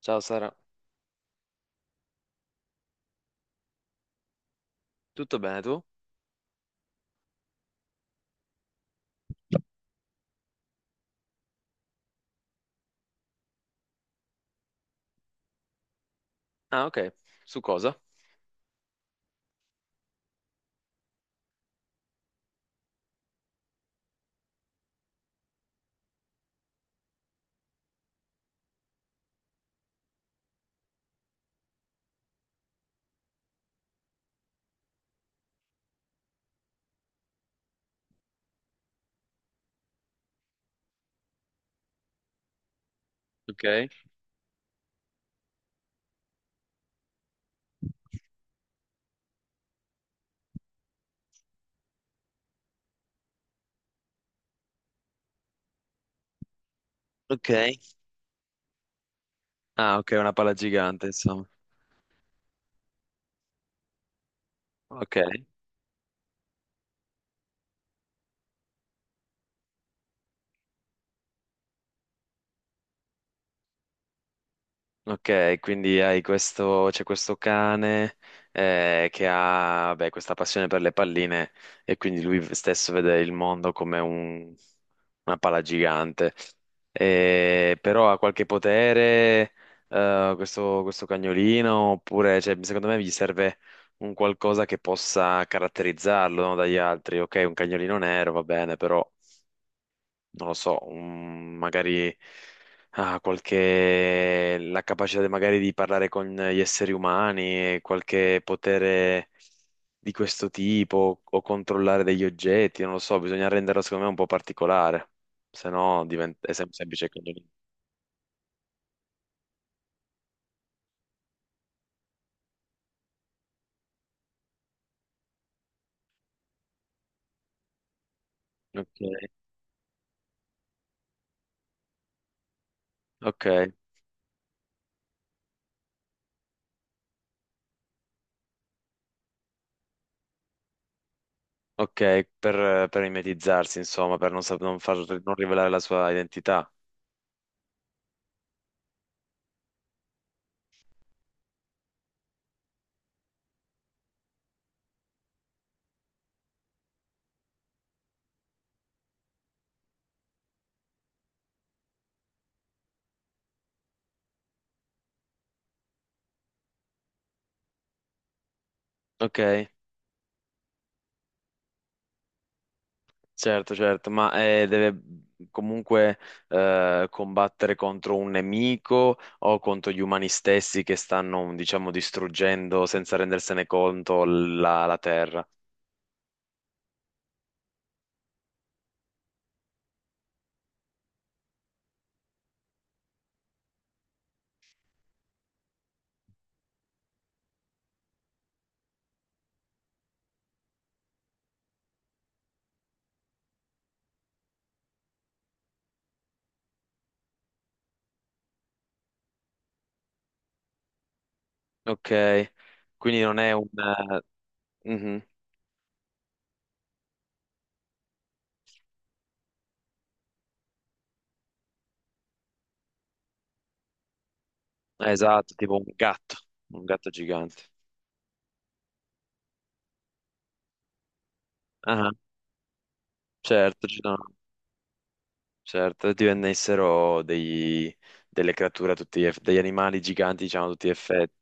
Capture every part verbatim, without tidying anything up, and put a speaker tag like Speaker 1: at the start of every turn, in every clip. Speaker 1: Ciao Sara, tutto bene tu? Ah, ok. Su cosa? Ok. Ok, ah, ok, una pala gigante, insomma. Ok. Ok, quindi hai questo, c'è questo cane eh, che ha, beh, questa passione per le palline e quindi lui stesso vede il mondo come un- una palla gigante. Eh, però ha qualche potere eh, questo, questo cagnolino, oppure cioè, secondo me gli serve un qualcosa che possa caratterizzarlo, no, dagli altri. Ok, un cagnolino nero va bene, però non lo so, un- magari ah, qualche, la capacità de- magari di parlare con gli esseri umani, qualche potere di questo tipo o controllare degli oggetti, non lo so, bisogna renderlo secondo me un po' particolare, se no diventa, è sem- semplice condominio. Ok, ok, ok, per, per mimetizzarsi, insomma, per non, sap- non far- non rivelare la sua identità. Ok. Certo, certo, ma eh, deve comunque eh, combattere contro un nemico o contro gli umani stessi che stanno, diciamo, distruggendo senza rendersene conto la, la Terra. Ok, quindi non è un... eh, mhm, esatto, tipo un gatto, un gatto gigante. Ah, certo, ci sono- certo, divennessero dei- delle creature, a tutti gli eff- degli animali giganti, diciamo, a tutti gli effetti.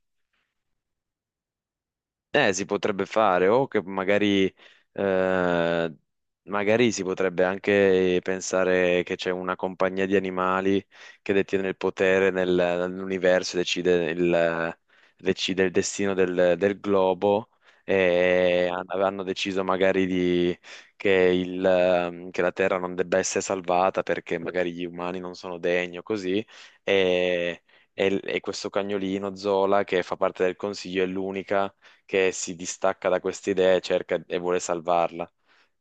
Speaker 1: Eh, si potrebbe fare, o che magari, eh, magari si potrebbe anche pensare che c'è una compagnia di animali che detiene il potere nel- nell'universo e decide il, decide il destino del, del globo e han- hanno deciso magari di- che, il, ehm, che la Terra non debba essere salvata perché magari gli umani non sono degni o così e, e e questo cagnolino Zola, che fa parte del consiglio, è l'unica che si distacca da queste idee e cerca e vuole salvarla.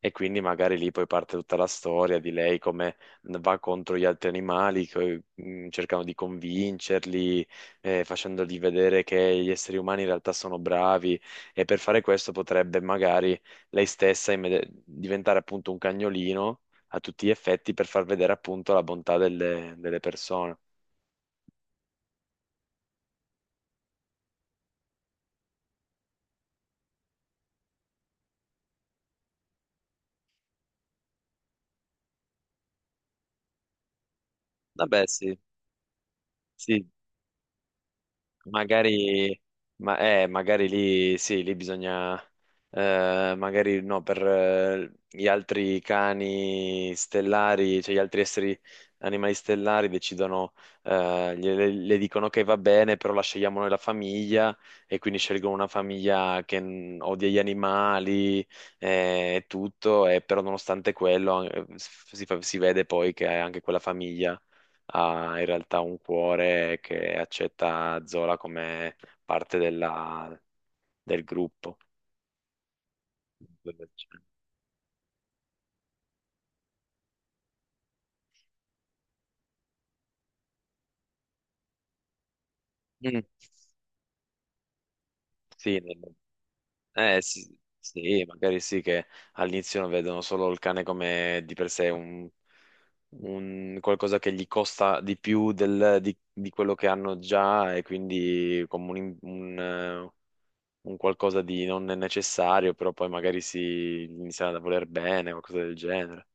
Speaker 1: E quindi magari lì poi parte tutta la storia di lei come va contro gli altri animali, che, mm, cercano di convincerli, eh, facendogli vedere che gli esseri umani in realtà sono bravi, e per fare questo potrebbe magari lei stessa immedi- diventare appunto un cagnolino a tutti gli effetti per far vedere appunto la bontà delle, delle persone. Vabbè, sì, sì, magari, ma, eh, magari lì sì, lì bisogna, eh, magari no, per eh, gli altri cani stellari, cioè gli altri esseri animali stellari decidono, eh, gliele- le, dicono che va bene, però la scegliamo noi la famiglia, e quindi scelgono una famiglia che, mm, odia gli animali, eh, e tutto, e però nonostante quello, eh, si fa- si vede poi che anche quella famiglia ha in realtà un cuore che accetta Zola come parte della- del gruppo. Mm. Sì, nel- eh, sì, sì, magari sì che all'inizio vedono solo il cane come di per sé un, un qualcosa che gli costa di più del- di, di quello che hanno già, e quindi come un, un, eh, un qualcosa di non necessario, però poi magari si iniziano a voler bene o qualcosa del genere.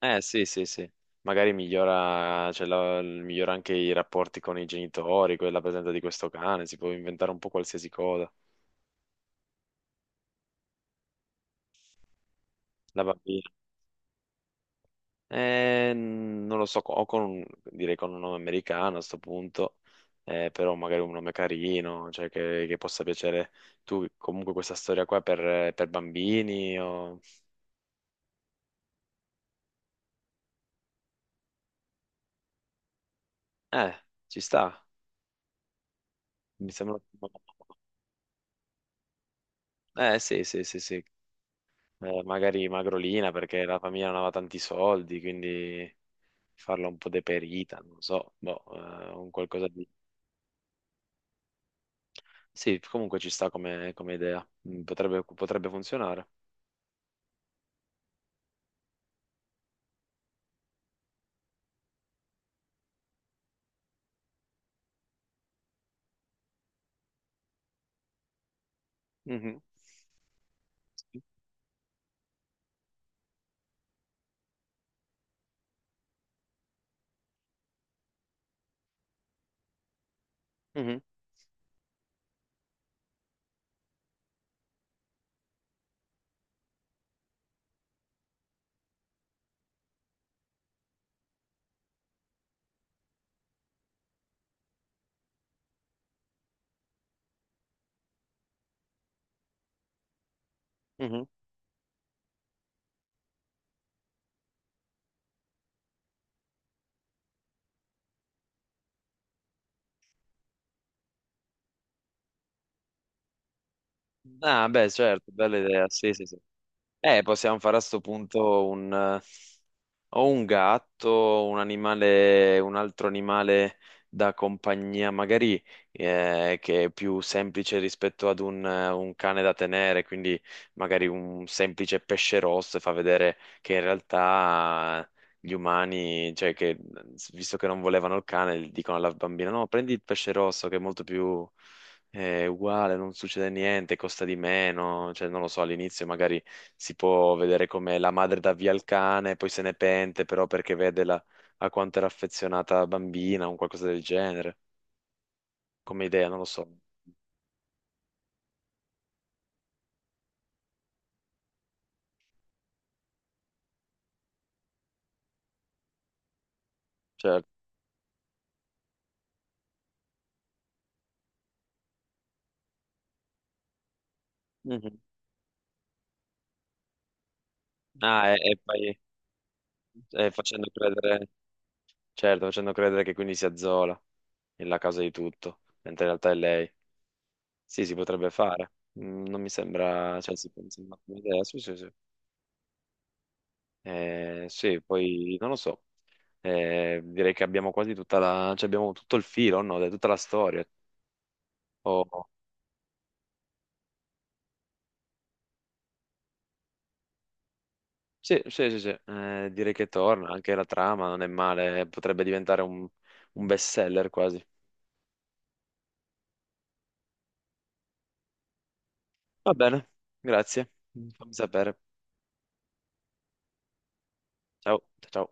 Speaker 1: Eh sì, sì, sì. Magari migliora, cioè, la- migliora anche i rapporti con i genitori, quella presenza di questo cane, si può inventare un po' qualsiasi cosa. La bambina. Eh, non lo so, o con, un- direi con un nome americano a sto punto, eh, però magari un nome carino, cioè che, che possa piacere. Tu comunque questa storia qua è per, per bambini o... Eh, ci sta, mi sembra... Eh sì, sì, sì, sì. Eh, magari Magrolina perché la famiglia non aveva tanti soldi, quindi... farla un po' deperita, non so, boh, eh, un qualcosa di... Sì, comunque ci sta come, come idea. Mm, potrebbe, potrebbe funzionare. Mhm. Sì. Mhm. Mhm. Ah, beh, certo, bella idea, sì, sì, sì. Eh, possiamo fare a sto punto un, ho un gatto, un animale, un altro animale da compagnia, magari eh, che è più semplice rispetto ad un, eh, un cane da tenere, quindi magari un semplice pesce rosso, e fa vedere che in realtà gli umani, cioè che, visto che non volevano il cane, dicono alla bambina: no, prendi il pesce rosso che è molto più. È uguale, non succede niente, costa di meno, cioè non lo so, all'inizio magari si può vedere come la madre dà via il cane, poi se ne pente però perché vede la- a quanto era affezionata la bambina o un qualcosa del genere, come idea, non lo so. Certo. Mhm. Ah, e, e poi, e facendo credere, certo, facendo credere che quindi sia Zola la causa di tutto, mentre in realtà è lei. Sì, si potrebbe fare. Mm, non mi sembra, cioè, si mi sembra un'idea, sì, sì, sì. Eh, sì, poi non lo so. Eh, direi che abbiamo quasi tutta la, cioè abbiamo tutto il filo, no? Dai, tutta la storia. Oh, sì, sì, sì, sì. Eh, direi che torna, anche la trama non è male, potrebbe diventare un, un best seller quasi. Va bene, grazie, fammi sapere. Ciao, ciao.